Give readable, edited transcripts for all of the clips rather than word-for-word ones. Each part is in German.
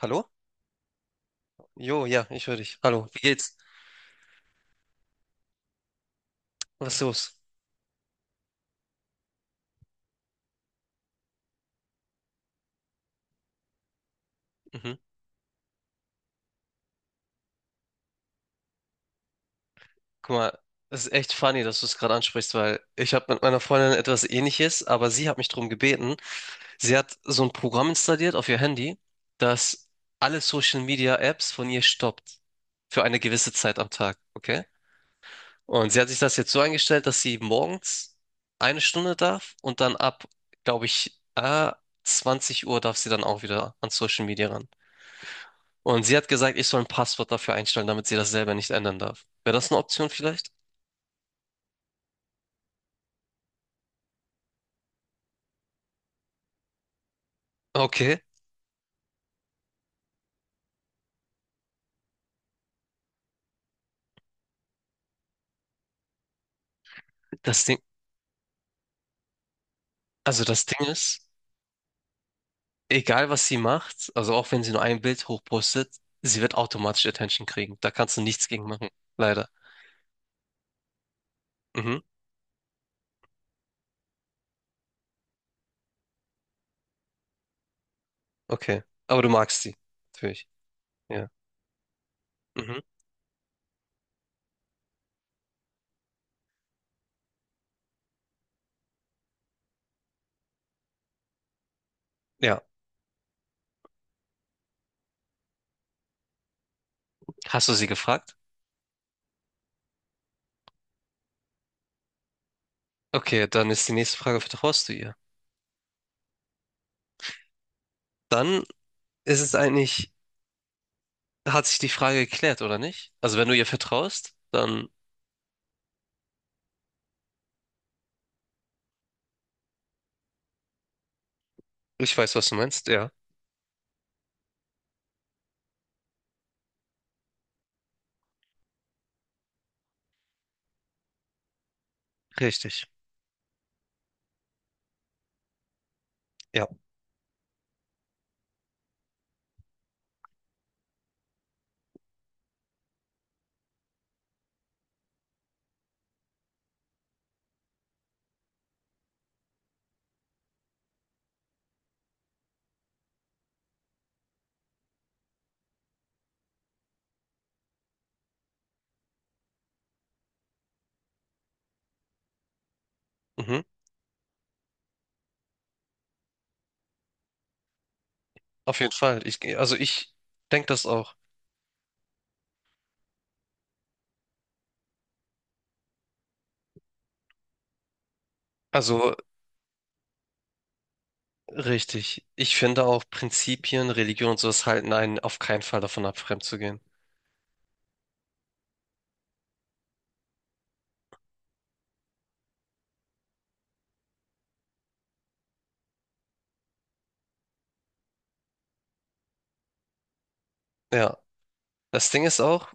Hallo? Jo, ja, ich höre dich. Hallo, wie geht's? Was ist los? Mhm. Guck mal, es ist echt funny, dass du es gerade ansprichst, weil ich habe mit meiner Freundin etwas Ähnliches, aber sie hat mich darum gebeten. Sie hat so ein Programm installiert auf ihr Handy, das alle Social Media Apps von ihr stoppt. Für eine gewisse Zeit am Tag, okay? Und sie hat sich das jetzt so eingestellt, dass sie morgens eine Stunde darf und dann ab, glaube ich, 20 Uhr darf sie dann auch wieder an Social Media. Und sie hat gesagt, ich soll ein Passwort dafür einstellen, damit sie das selber nicht ändern darf. Wäre das eine Option vielleicht? Okay, das Ding, das Ding ist, egal was sie macht, also auch wenn sie nur ein Bild hochpostet, sie wird automatisch Attention kriegen. Da kannst du nichts gegen machen. Leider. Mhm, okay. Aber du magst sie. Natürlich. Ja. Mhm. Ja. Hast du sie gefragt? Okay, dann ist die nächste Frage, vertraust du ihr? Dann ist es eigentlich, hat sich die Frage geklärt, oder nicht? Also wenn du ihr vertraust, dann, ich weiß, was du meinst, ja. Richtig. Ja. Mhm, auf jeden Fall. Also ich denke das auch. Also richtig. Ich finde auch Prinzipien, Religion und sowas halten einen auf keinen Fall davon ab, fremd zu gehen. Ja. Das Ding ist auch,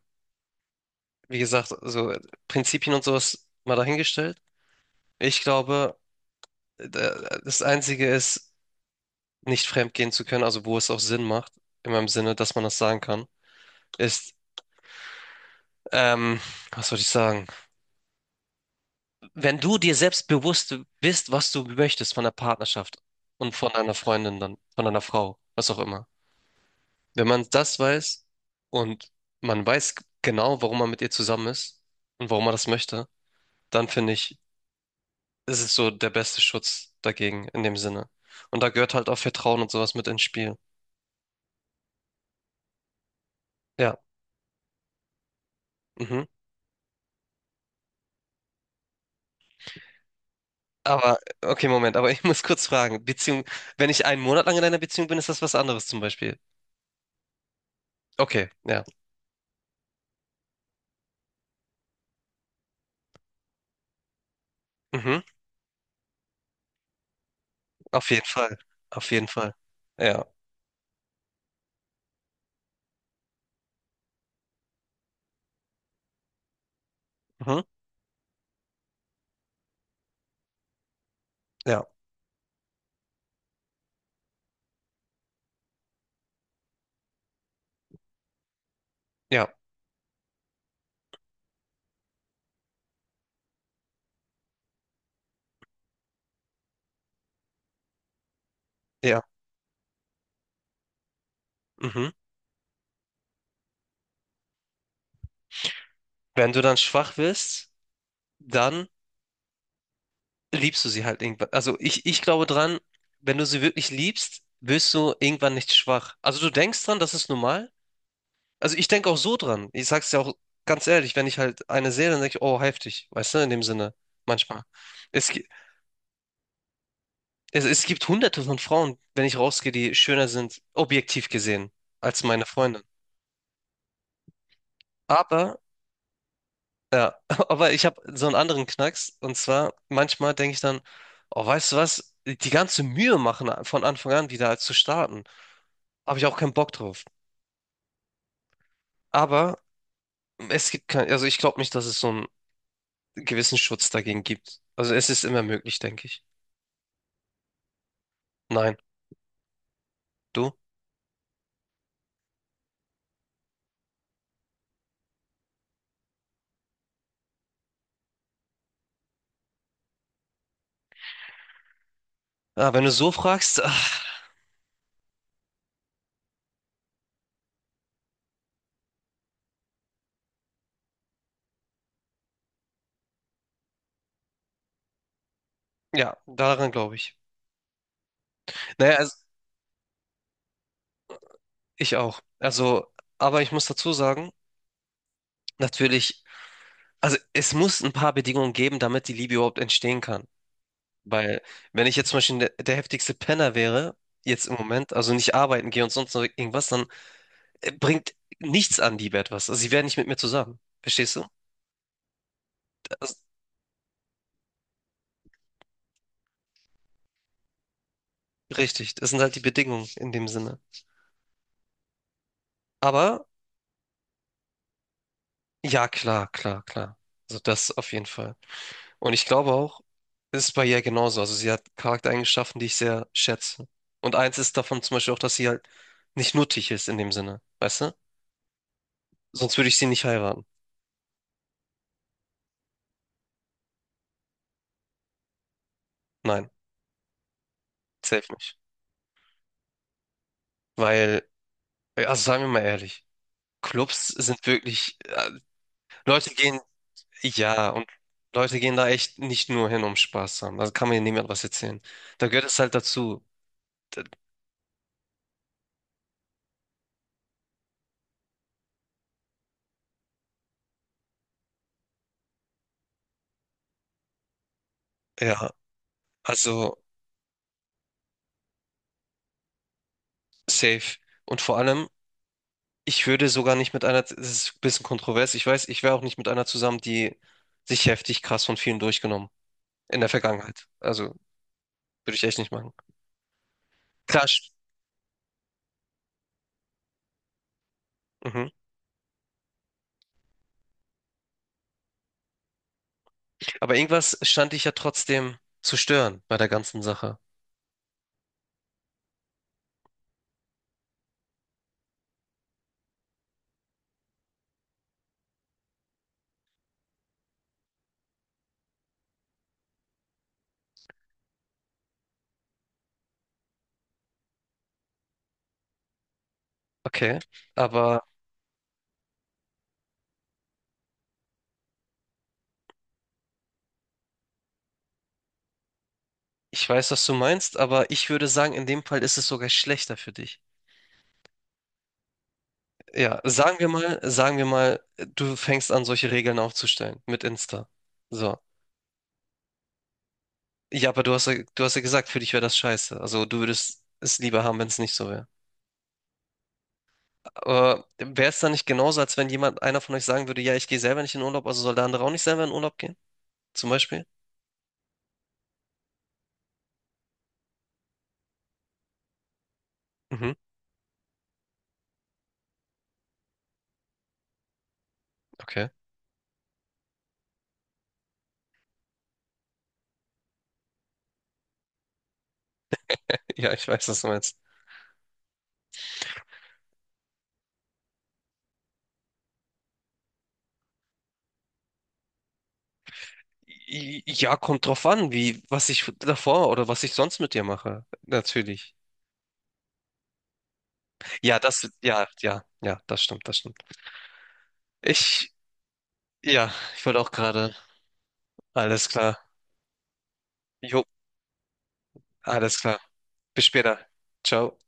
wie gesagt, so Prinzipien und sowas mal dahingestellt. Ich glaube, da- das Einzige ist, nicht fremd gehen zu können, also wo es auch Sinn macht, in meinem Sinne, dass man das sagen kann, ist, ähm, was soll ich sagen? Wenn du dir selbst bewusst bist, was du möchtest von der Partnerschaft und von einer Freundin dann, von einer Frau, was auch immer. Wenn man das weiß und man weiß genau, warum man mit ihr zusammen ist und warum man das möchte, dann finde ich, ist es so der beste Schutz dagegen in dem Sinne. Und da gehört halt auch Vertrauen und sowas mit ins Spiel. Ja. Mhm. Aber, okay, Moment, aber ich muss kurz fragen. Beziehung, wenn ich einen Monat lang in einer Beziehung bin, ist das was anderes zum Beispiel. Okay, ja. Mhm. Auf jeden Fall. Auf jeden Fall. Ja. Mhm. Ja. Ja. Ja. Mhm. Wenn du dann schwach wirst, dann liebst du sie halt irgendwann. Also ich glaube dran, wenn du sie wirklich liebst, wirst du irgendwann nicht schwach. Also du denkst dran, das ist normal. Also ich denke auch so dran. Ich sag's dir auch ganz ehrlich, wenn ich halt eine sehe, dann denke ich, oh, heftig. Weißt du, in dem Sinne. Manchmal. Es, gi- es gibt hunderte von Frauen, wenn ich rausgehe, die schöner sind, objektiv gesehen, als meine Freundin. Aber ja, aber ich habe so einen anderen Knacks. Und zwar, manchmal denke ich dann, oh, weißt du was, die ganze Mühe machen von Anfang an wieder als zu starten. Habe ich auch keinen Bock drauf. Aber es gibt kein, also ich glaube nicht, dass es so einen gewissen Schutz dagegen gibt. Also es ist immer möglich, denke ich. Nein, du? Ah, wenn du so fragst, ach, ja, daran glaube ich. Naja, also ich auch. Also, aber ich muss dazu sagen, natürlich, also es muss ein paar Bedingungen geben, damit die Liebe überhaupt entstehen kann. Weil, wenn ich jetzt zum Beispiel der heftigste Penner wäre, jetzt im Moment, also nicht arbeiten gehe und sonst noch irgendwas, dann bringt nichts an die etwas. Also sie wären nicht mit mir zusammen. Verstehst du? Also, richtig, das sind halt die Bedingungen in dem Sinne. Aber ja, klar, klar, klar. Also das auf jeden Fall. Und ich glaube auch, es ist bei ihr genauso. Also sie hat Charaktereigenschaften, die ich sehr schätze. Und eins ist davon zum Beispiel auch, dass sie halt nicht nuttig ist in dem Sinne. Weißt du? Sonst würde ich sie nicht heiraten. Nein, safe nicht. Weil also sagen wir mal ehrlich, Clubs sind wirklich, Leute gehen, ja, und Leute gehen da echt nicht nur hin, um Spaß zu haben. Da kann mir niemand was erzählen. Da gehört es halt dazu. Ja, also safe. Und vor allem, ich würde sogar nicht mit einer, das ist ein bisschen kontrovers, ich weiß, ich wäre auch nicht mit einer zusammen, die sich heftig krass von vielen durchgenommen. In der Vergangenheit. Also würde ich echt nicht machen. Klar, sch- mhm. Aber irgendwas stand ich ja trotzdem zu stören bei der ganzen Sache. Okay, aber ich weiß, was du meinst, aber ich würde sagen, in dem Fall ist es sogar schlechter für dich. Ja, sagen wir mal, du fängst an, solche Regeln aufzustellen mit Insta. So. Ja, aber du hast ja gesagt, für dich wäre das scheiße. Also du würdest es lieber haben, wenn es nicht so wäre. Aber wäre es dann nicht genauso, als wenn jemand, einer von euch sagen würde, ja, ich gehe selber nicht in Urlaub, also soll der andere auch nicht selber in Urlaub gehen? Zum Beispiel? Mhm, okay. Ja, ich weiß, was du meinst. Ja, kommt drauf an, wie, was ich davor oder was ich sonst mit dir mache. Natürlich. Ja, das, ja, ja, ja, das stimmt, das stimmt. Ich, ja, ich wollte auch gerade. Alles klar. Jo, alles klar. Bis später. Ciao.